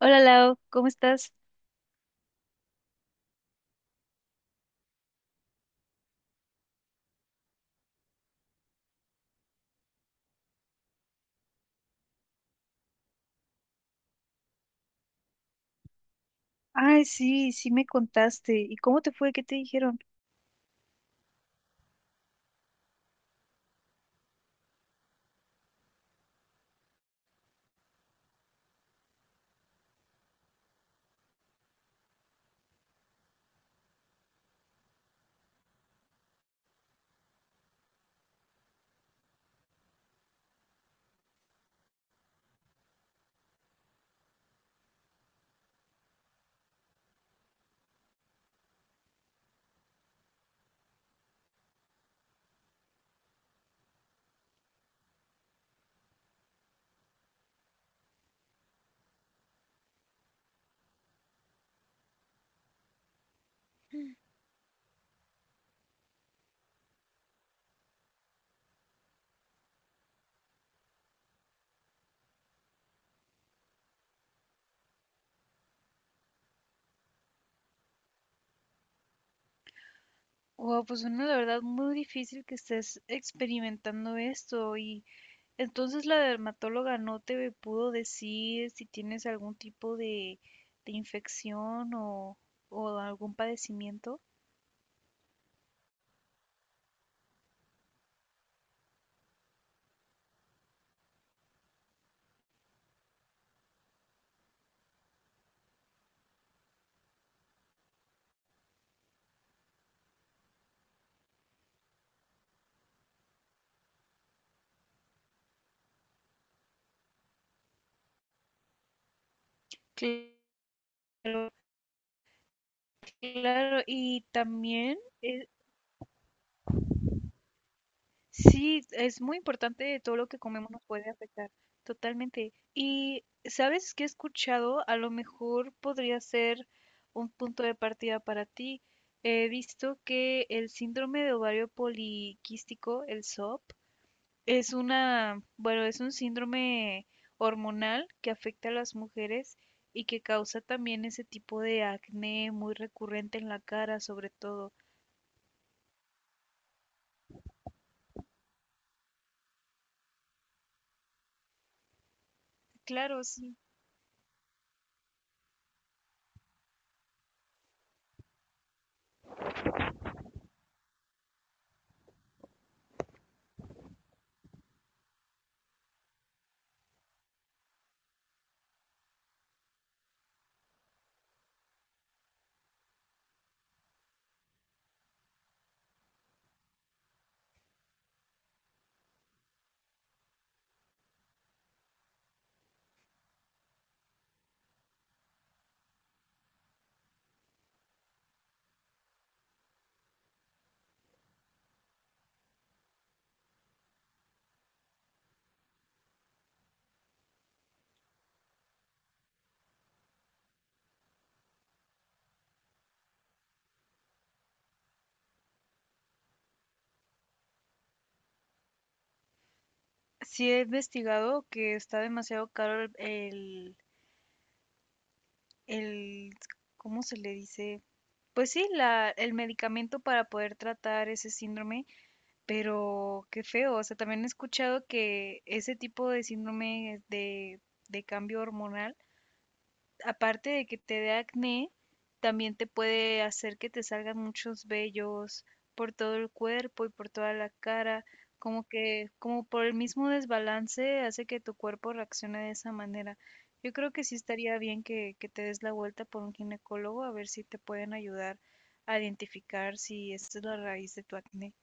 Hola Lau, ¿cómo estás? Ay, sí, sí me contaste. ¿Y cómo te fue? ¿Qué te dijeron? Wow, pues bueno, la verdad muy difícil que estés experimentando esto. Y entonces la dermatóloga no te pudo decir si tienes algún tipo de infección o algún padecimiento. Cl- Claro, claro. Y también sí, es muy importante todo lo que comemos nos puede afectar, totalmente. Y sabes que he escuchado, a lo mejor podría ser un punto de partida para ti. He visto que el síndrome de ovario poliquístico, el SOP, es una, bueno, es un síndrome hormonal que afecta a las mujeres y que causa también ese tipo de acné muy recurrente en la cara, sobre todo. Claro, sí. Sí he investigado que está demasiado caro el- ¿cómo se le dice? Pues sí, el medicamento para poder tratar ese síndrome, pero qué feo. O sea, también he escuchado que ese tipo de síndrome de cambio hormonal, aparte de que te dé acné, también te puede hacer que te salgan muchos vellos por todo el cuerpo y por toda la cara, como que, como por el mismo desbalance hace que tu cuerpo reaccione de esa manera. Yo creo que sí estaría bien que te des la vuelta por un ginecólogo a ver si te pueden ayudar a identificar si esta es la raíz de tu acné.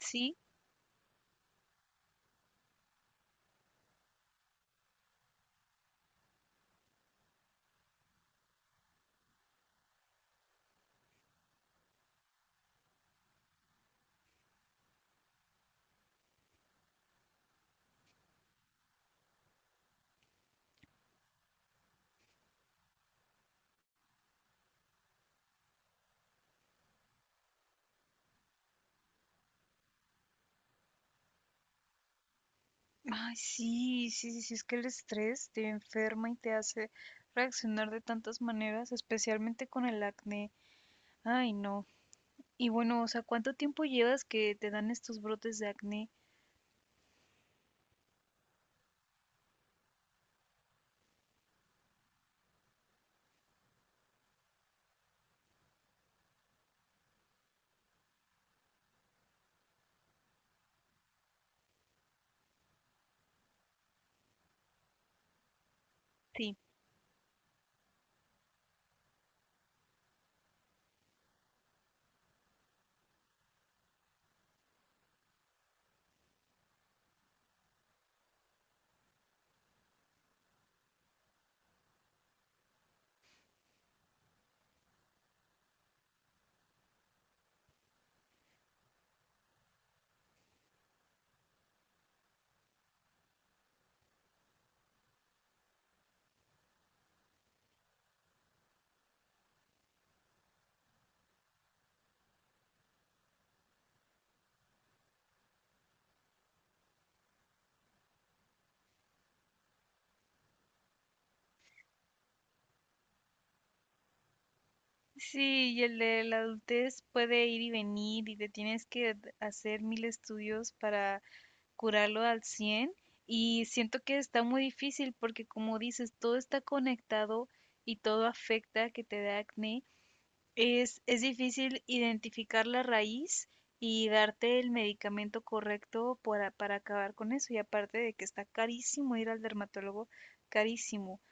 Sí, ay, sí, sí, sí, sí, es que el estrés te enferma y te hace reaccionar de tantas maneras, especialmente con el acné. Ay, no. Y bueno, o sea, ¿cuánto tiempo llevas que te dan estos brotes de acné? Sí. Sí, y el de la adultez puede ir y venir y te tienes que hacer mil estudios para curarlo al cien, y siento que está muy difícil porque, como dices, todo está conectado y todo afecta que te dé acné. Es difícil identificar la raíz y darte el medicamento correcto para acabar con eso. Y aparte de que está carísimo ir al dermatólogo, carísimo.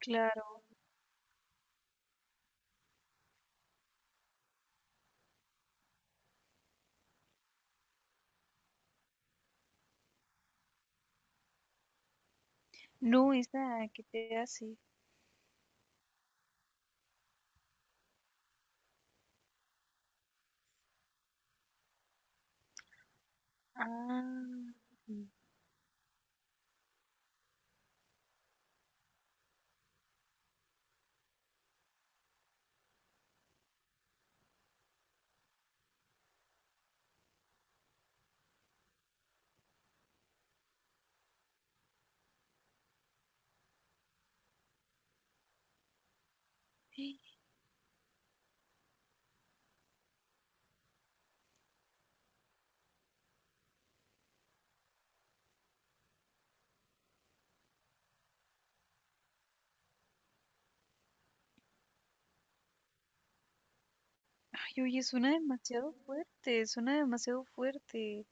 Claro. No, esa que te hace. Ah, sí. Ay, oye, suena demasiado fuerte, suena demasiado fuerte.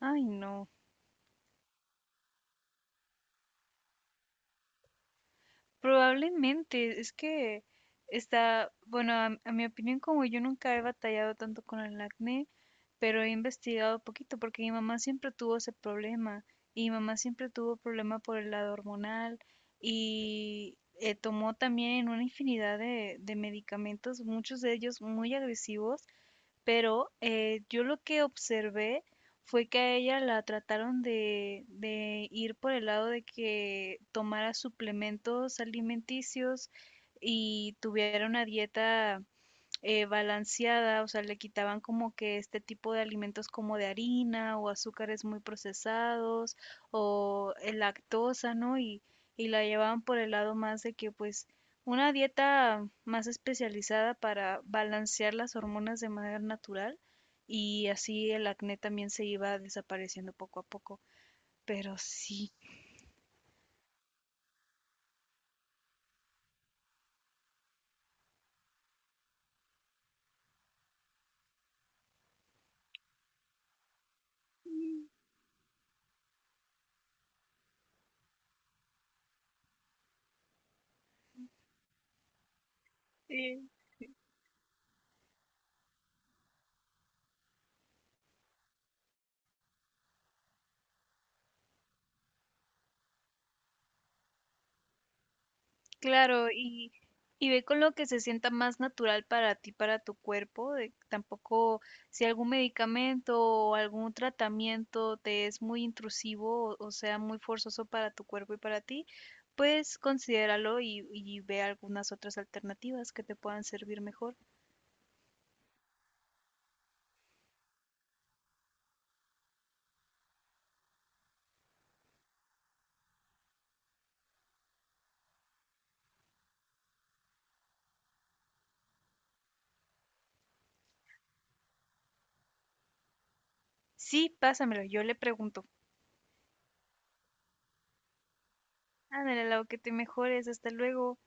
Ay, no. Probablemente, es que está, bueno, a mi opinión, como yo nunca he batallado tanto con el acné, pero he investigado poquito porque mi mamá siempre tuvo ese problema y mi mamá siempre tuvo problema por el lado hormonal y tomó también una infinidad de medicamentos, muchos de ellos muy agresivos, pero yo lo que observé fue que a ella la trataron de ir por el lado de que tomara suplementos alimenticios y tuviera una dieta balanceada. O sea, le quitaban como que este tipo de alimentos como de harina o azúcares muy procesados o lactosa, ¿no? Y la llevaban por el lado más de que pues una dieta más especializada para balancear las hormonas de manera natural, y así el acné también se iba desapareciendo poco a poco. Pero sí, sí, claro. Y, y ve con lo que se sienta más natural para ti, para tu cuerpo. Tampoco si algún medicamento o algún tratamiento te es muy intrusivo o sea, muy forzoso para tu cuerpo y para ti, pues considéralo y ve algunas otras alternativas que te puedan servir mejor. Sí, pásamelo, yo le pregunto. Ándale, lo que te mejores, hasta luego.